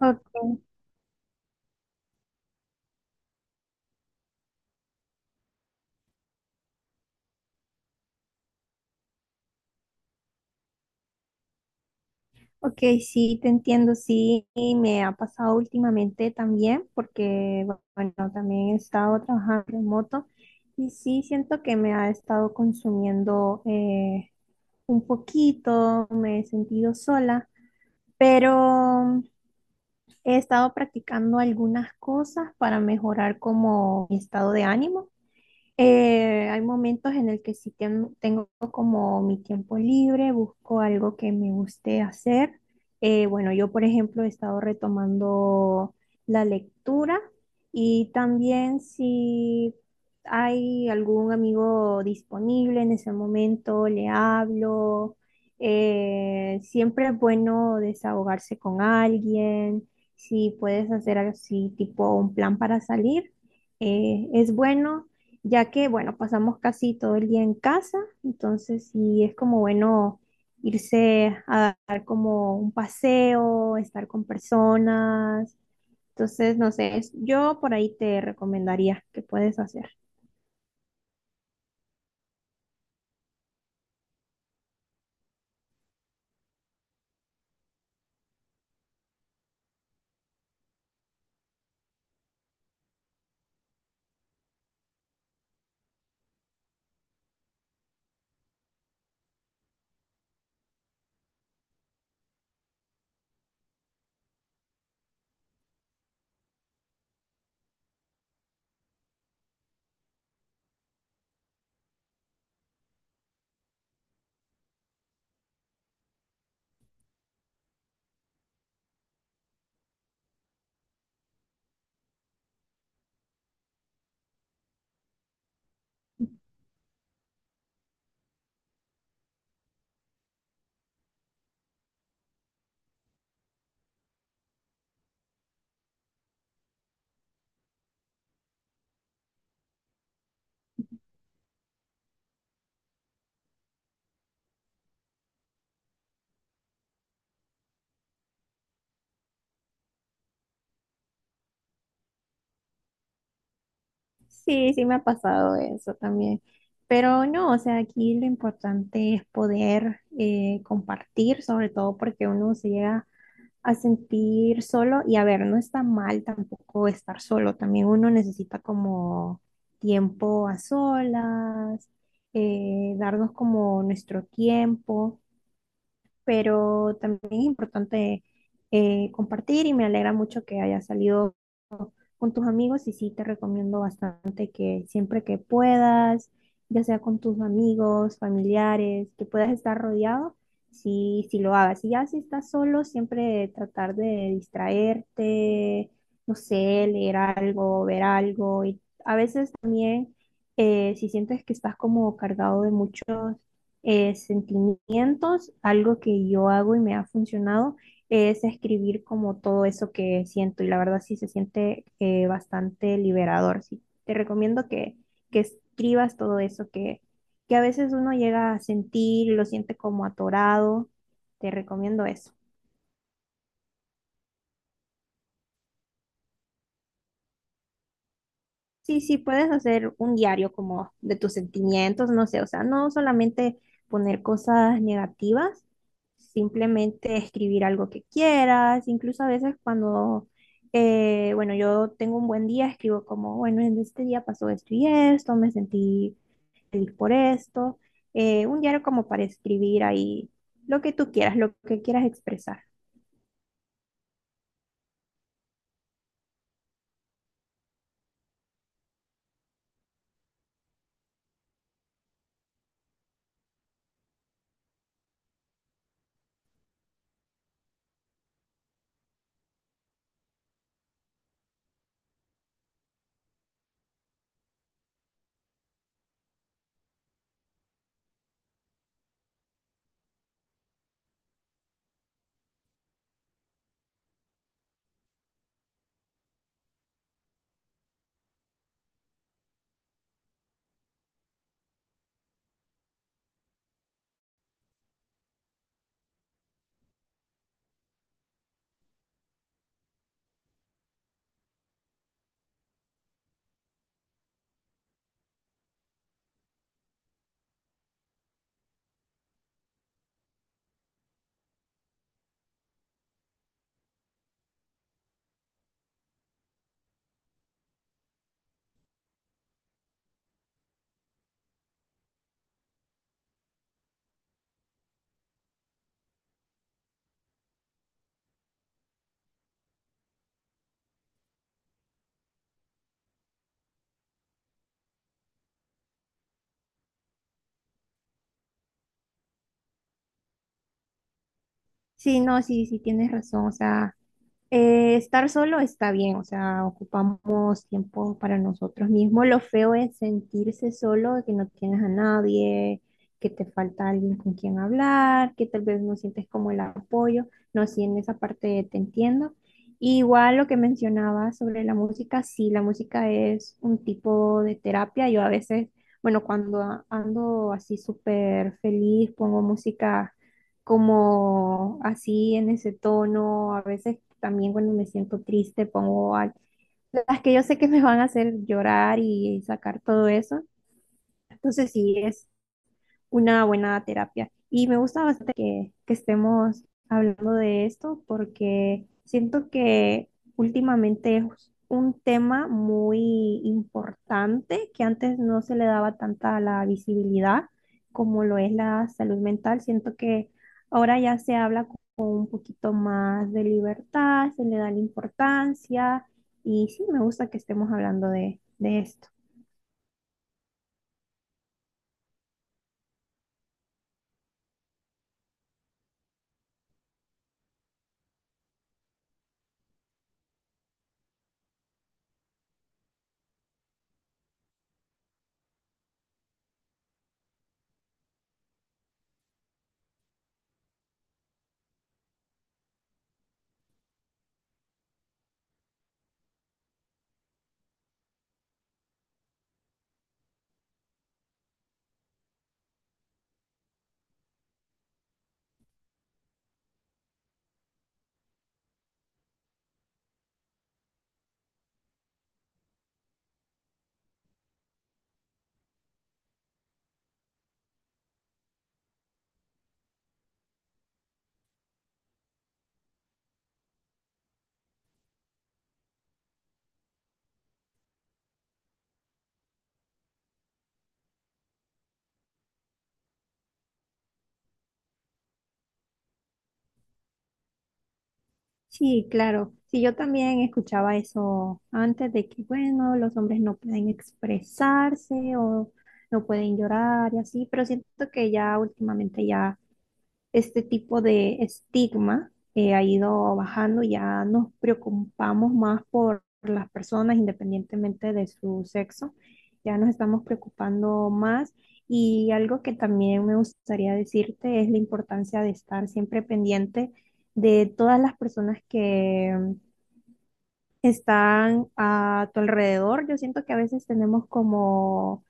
Ok, ok, sí, te entiendo, sí, y me ha pasado últimamente también, porque, bueno, también he estado trabajando remoto y sí siento que me ha estado consumiendo un poquito, me he sentido sola, pero he estado practicando algunas cosas para mejorar como mi estado de ánimo. Hay momentos en el que sí tengo como mi tiempo libre, busco algo que me guste hacer. Bueno, yo por ejemplo he estado retomando la lectura y también si hay algún amigo disponible en ese momento, le hablo. Siempre es bueno desahogarse con alguien. Si puedes hacer así tipo un plan para salir es bueno ya que, bueno, pasamos casi todo el día en casa, entonces sí es como bueno irse a dar como un paseo, estar con personas. Entonces, no sé, yo por ahí te recomendaría que puedes hacer. Sí, sí me ha pasado eso también. Pero no, o sea, aquí lo importante es poder compartir, sobre todo porque uno se llega a sentir solo y a ver, no está mal tampoco estar solo, también uno necesita como tiempo a solas, darnos como nuestro tiempo, pero también es importante compartir y me alegra mucho que haya salido con tus amigos y sí te recomiendo bastante que siempre que puedas, ya sea con tus amigos, familiares, que puedas estar rodeado, sí, sí lo hagas. Y ya si estás solo, siempre tratar de distraerte, no sé, leer algo, ver algo. Y a veces también, si sientes que estás como cargado de muchos sentimientos, algo que yo hago y me ha funcionado es escribir como todo eso que siento y la verdad sí se siente bastante liberador. Sí, te recomiendo que escribas todo eso que a veces uno llega a sentir y lo siente como atorado. Te recomiendo eso. Sí, sí, puedes hacer un diario como de tus sentimientos, no sé, o sea, no solamente poner cosas negativas, simplemente escribir algo que quieras, incluso a veces cuando, bueno, yo tengo un buen día, escribo como, bueno, en este día pasó esto y esto, me sentí feliz por esto, un diario como para escribir ahí lo que tú quieras, lo que quieras expresar. Sí, no, sí, sí, tienes razón. O sea, estar solo está bien, o sea, ocupamos tiempo para nosotros mismos. Lo feo es sentirse solo, que no tienes a nadie, que te falta alguien con quien hablar, que tal vez no sientes como el apoyo. No, sí, en esa parte te entiendo. Igual lo que mencionabas sobre la música, sí, la música es un tipo de terapia. Yo a veces, bueno, cuando ando así súper feliz, pongo música como así en ese tono. A veces también cuando me siento triste pongo las que yo sé que me van a hacer llorar y sacar todo eso. Entonces sí, es una buena terapia. Y me gusta bastante que estemos hablando de esto porque siento que últimamente es un tema muy importante que antes no se le daba tanta la visibilidad como lo es la salud mental. Siento que ahora ya se habla con un poquito más de libertad, se le da la importancia y sí, me gusta que estemos hablando de esto. Sí, claro. Sí, yo también escuchaba eso antes de que, bueno, los hombres no pueden expresarse o no pueden llorar y así, pero siento que ya últimamente ya este tipo de estigma ha ido bajando, ya nos preocupamos más por las personas independientemente de su sexo, ya nos estamos preocupando más y algo que también me gustaría decirte es la importancia de estar siempre pendiente de todas las personas que están a tu alrededor. Yo siento que a veces tenemos como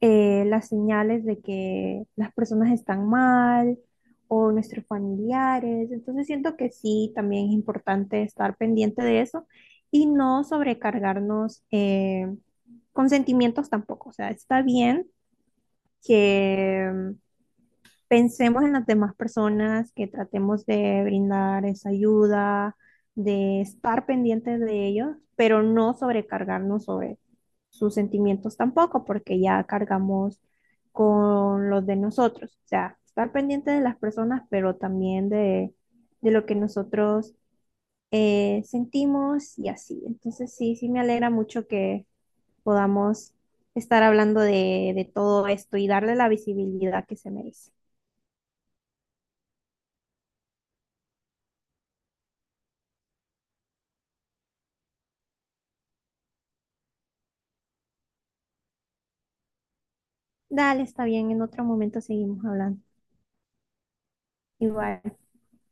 las señales de que las personas están mal o nuestros familiares. Entonces siento que sí, también es importante estar pendiente de eso y no sobrecargarnos con sentimientos tampoco. O sea, está bien que pensemos en las demás personas, que tratemos de brindar esa ayuda, de estar pendientes de ellos, pero no sobrecargarnos sobre sus sentimientos tampoco, porque ya cargamos con los de nosotros. O sea, estar pendiente de las personas, pero también de lo que nosotros sentimos y así. Entonces, sí, sí me alegra mucho que podamos estar hablando de todo esto y darle la visibilidad que se merece. Dale, está bien, en otro momento seguimos hablando. Igual.